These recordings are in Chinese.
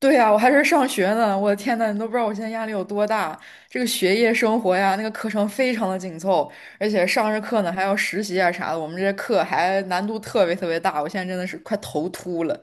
对呀，我还是上学呢，我的天呐，你都不知道我现在压力有多大。这个学业生活呀，那个课程非常的紧凑，而且上着课呢还要实习啊啥的，我们这些课还难度特别大，我现在真的是快头秃了。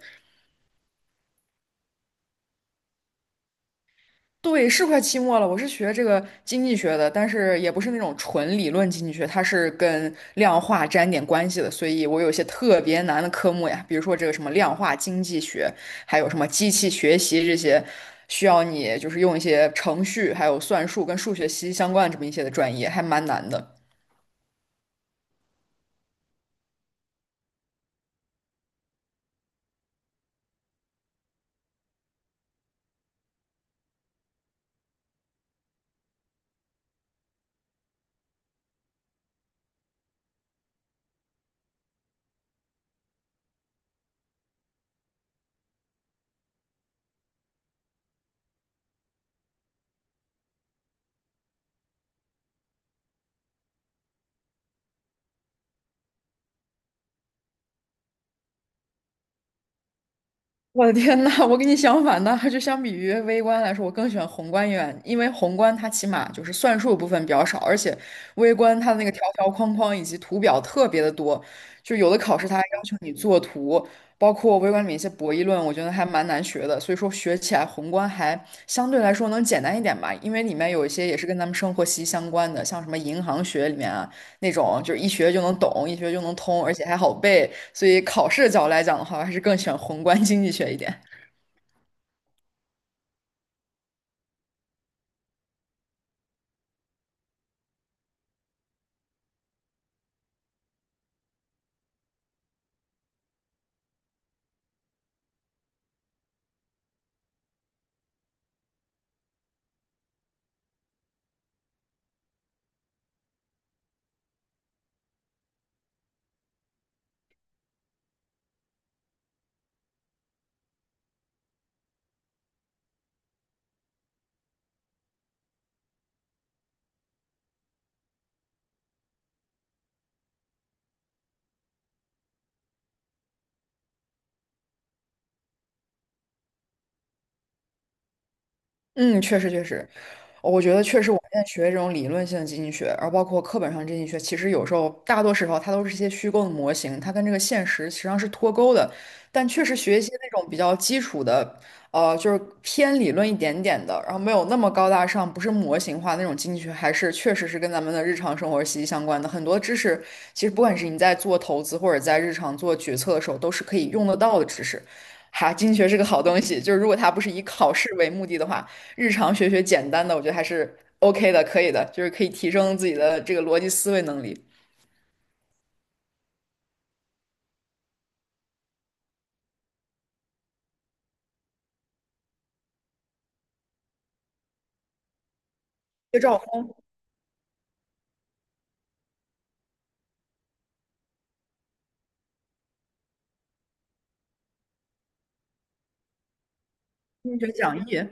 对，是快期末了。我是学这个经济学的，但是也不是那种纯理论经济学，它是跟量化沾点关系的，所以我有一些特别难的科目呀，比如说这个什么量化经济学，还有什么机器学习这些，需要你就是用一些程序，还有算术跟数学息息相关的这么一些的专业，还蛮难的。我的天呐，我跟你相反呢，就相比于微观来说，我更喜欢宏观一点，因为宏观它起码就是算术部分比较少，而且微观它的那个条条框框以及图表特别的多，就有的考试它还要求你作图，包括微观里面一些博弈论，我觉得还蛮难学的，所以说学起来宏观还相对来说能简单一点吧，因为里面有一些也是跟咱们生活息息相关的，像什么银行学里面啊，那种，就是一学就能懂，一学就能通，而且还好背。所以考试的角度来讲的话，我还是更喜欢宏观经济学一点。嗯，确实确实，我觉得确实，我们现在学这种理论性的经济学，然后包括课本上的经济学，其实有时候大多时候它都是一些虚构的模型，它跟这个现实实际上是脱钩的。但确实学一些那种比较基础的，就是偏理论一点点的，然后没有那么高大上，不是模型化那种经济学，还是确实是跟咱们的日常生活息息相关的。很多知识其实不管是你在做投资或者在日常做决策的时候，都是可以用得到的知识。哈，经济学是个好东西，就是如果它不是以考试为目的的话，日常学学简单的，我觉得还是 OK 的，可以的，就是可以提升自己的这个逻辑思维能力。就照峰经济学讲义，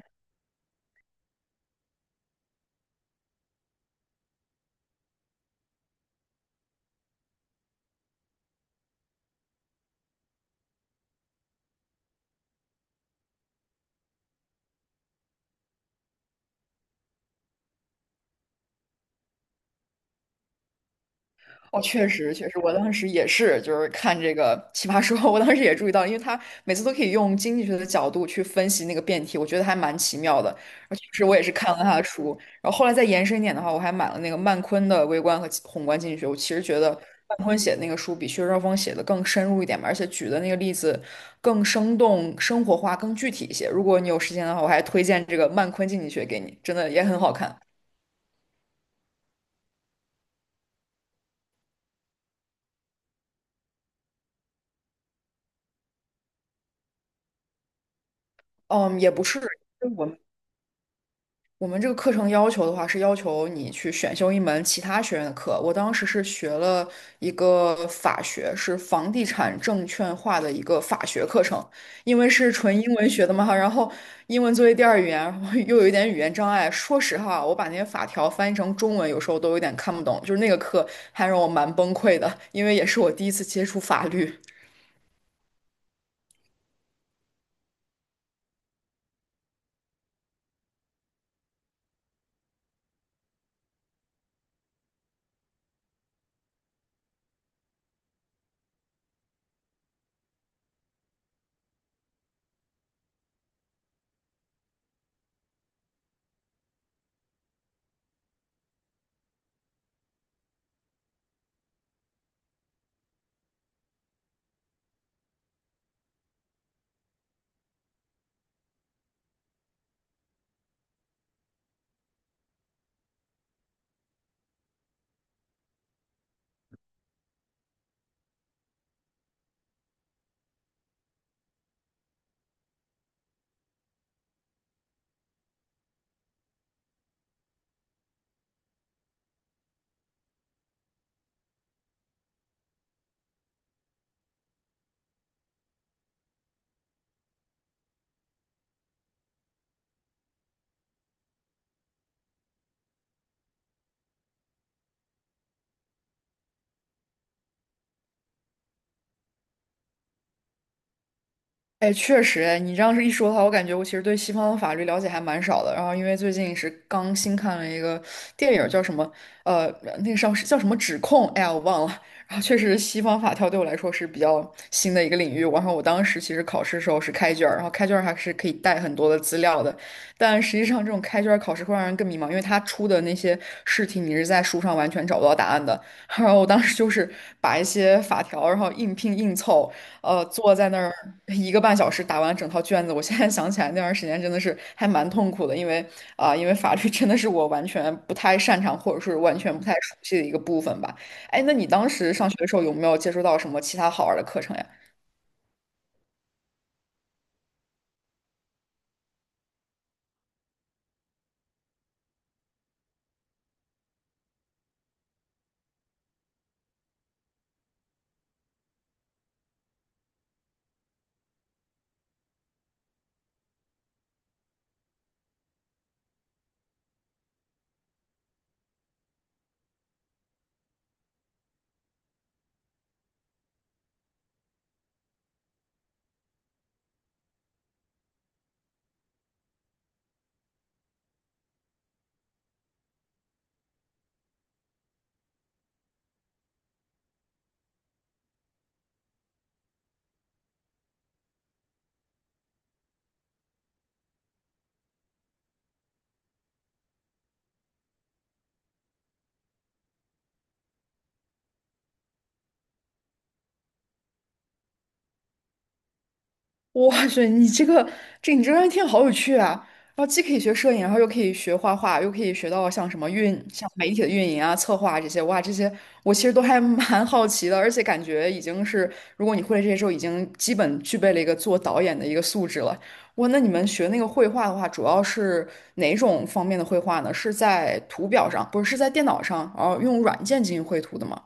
哦，确实，确实，我当时也是，就是看这个《奇葩说》，我当时也注意到了，因为他每次都可以用经济学的角度去分析那个辩题，我觉得还蛮奇妙的。而确实，我也是看了他的书，然后后来再延伸一点的话，我还买了那个曼昆的微观和宏观经济学。我其实觉得曼昆写的那个书比薛兆丰写的更深入一点吧，而且举的那个例子更生动、生活化、更具体一些。如果你有时间的话，我还推荐这个曼昆经济学给你，真的也很好看。嗯，也不是。我们我们这个课程要求的话，是要求你去选修一门其他学院的课。我当时是学了一个法学，是房地产证券化的一个法学课程，因为是纯英文学的嘛，然后英文作为第二语言，然后又有一点语言障碍。说实话，我把那些法条翻译成中文，有时候都有点看不懂。就是那个课还让我蛮崩溃的，因为也是我第一次接触法律。哎，确实，哎，你这样是一说的话，我感觉我其实对西方的法律了解还蛮少的。然后，因为最近是刚新看了一个电影儿叫什么，呃，那个上是叫什么指控，哎呀，我忘了。然后，确实西方法条对我来说是比较新的一个领域。然后，我当时其实考试的时候是开卷儿然后开卷儿还是可以带很多的资料的。但实际上，这种开卷儿考试会让人更迷茫，因为他出的那些试题你是在书上完全找不到答案的。然后，我当时就是把一些法条，然后硬拼硬凑。坐在那儿一个半小时打完整套卷子。我现在想起来那段时间真的是还蛮痛苦的，因为因为法律真的是我完全不太擅长，或者是完全不太熟悉的一个部分吧。哎，那你当时上学的时候有没有接触到什么其他好玩的课程呀？哇塞，你这专业听好有趣啊！然后既可以学摄影，然后又可以学画画，又可以学到像什么运，像媒体的运营啊、策划啊这些。哇，这些我其实都还 蛮好奇的，而且感觉已经是，如果你会了这些之后，已经基本具备了一个做导演的一个素质了。哇，那你们学那个绘画的话，主要是哪种方面的绘画呢？是在图表上，不是，是在电脑上，然后用软件进行绘图的吗？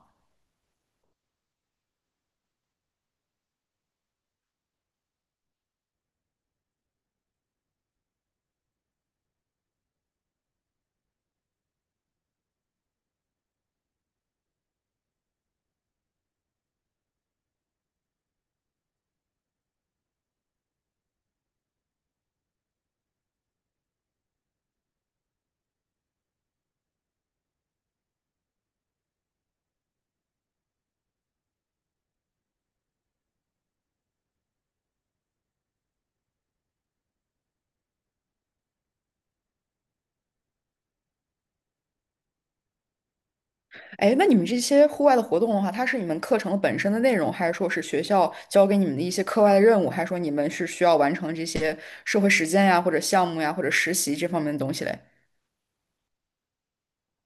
哎，那你们这些户外的活动的话，它是你们课程本身的内容，还是说是学校教给你们的一些课外的任务，还是说你们是需要完成这些社会实践呀，或者项目呀，或者实习这方面的东西嘞？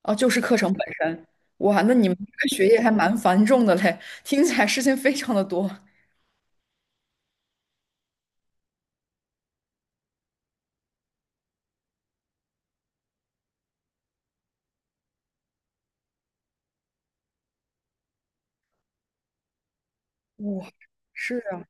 哦，就是课程本身。哇，那你们这个学业还蛮繁重的嘞，听起来事情非常的多。哇，是啊，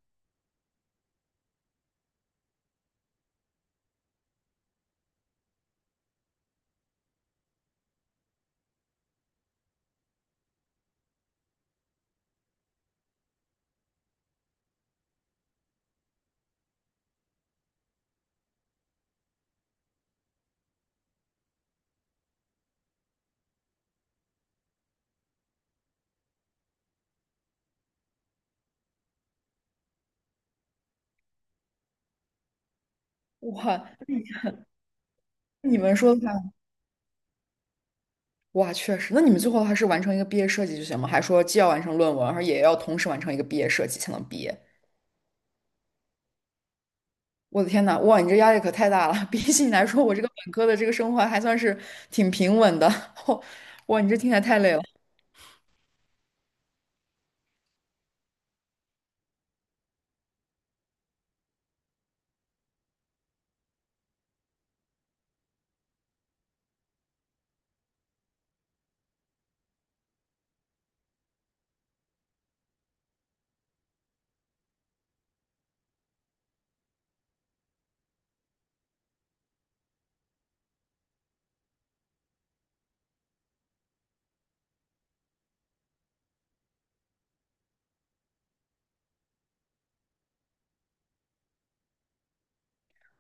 哇，你们说的话，哇，确实。那你们最后还是完成一个毕业设计就行吗？还说既要完成论文，而也要同时完成一个毕业设计才能毕业？我的天呐，哇，你这压力可太大了！比起你来说，我这个本科的这个生活还算是挺平稳的。哇，哇，你这听起来太累了。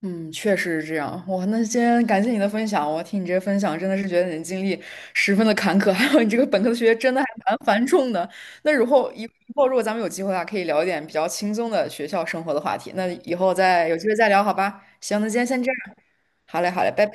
嗯，确实是这样。哇，那今天感谢你的分享，我听你这些分享，真的是觉得你的经历十分的坎坷，还有你这个本科的学业真的还蛮繁重的。那以后如果咱们有机会的话，可以聊一点比较轻松的学校生活的话题。那以后再有机会再聊，好吧？行，那今天先这样。好嘞，好嘞，拜拜。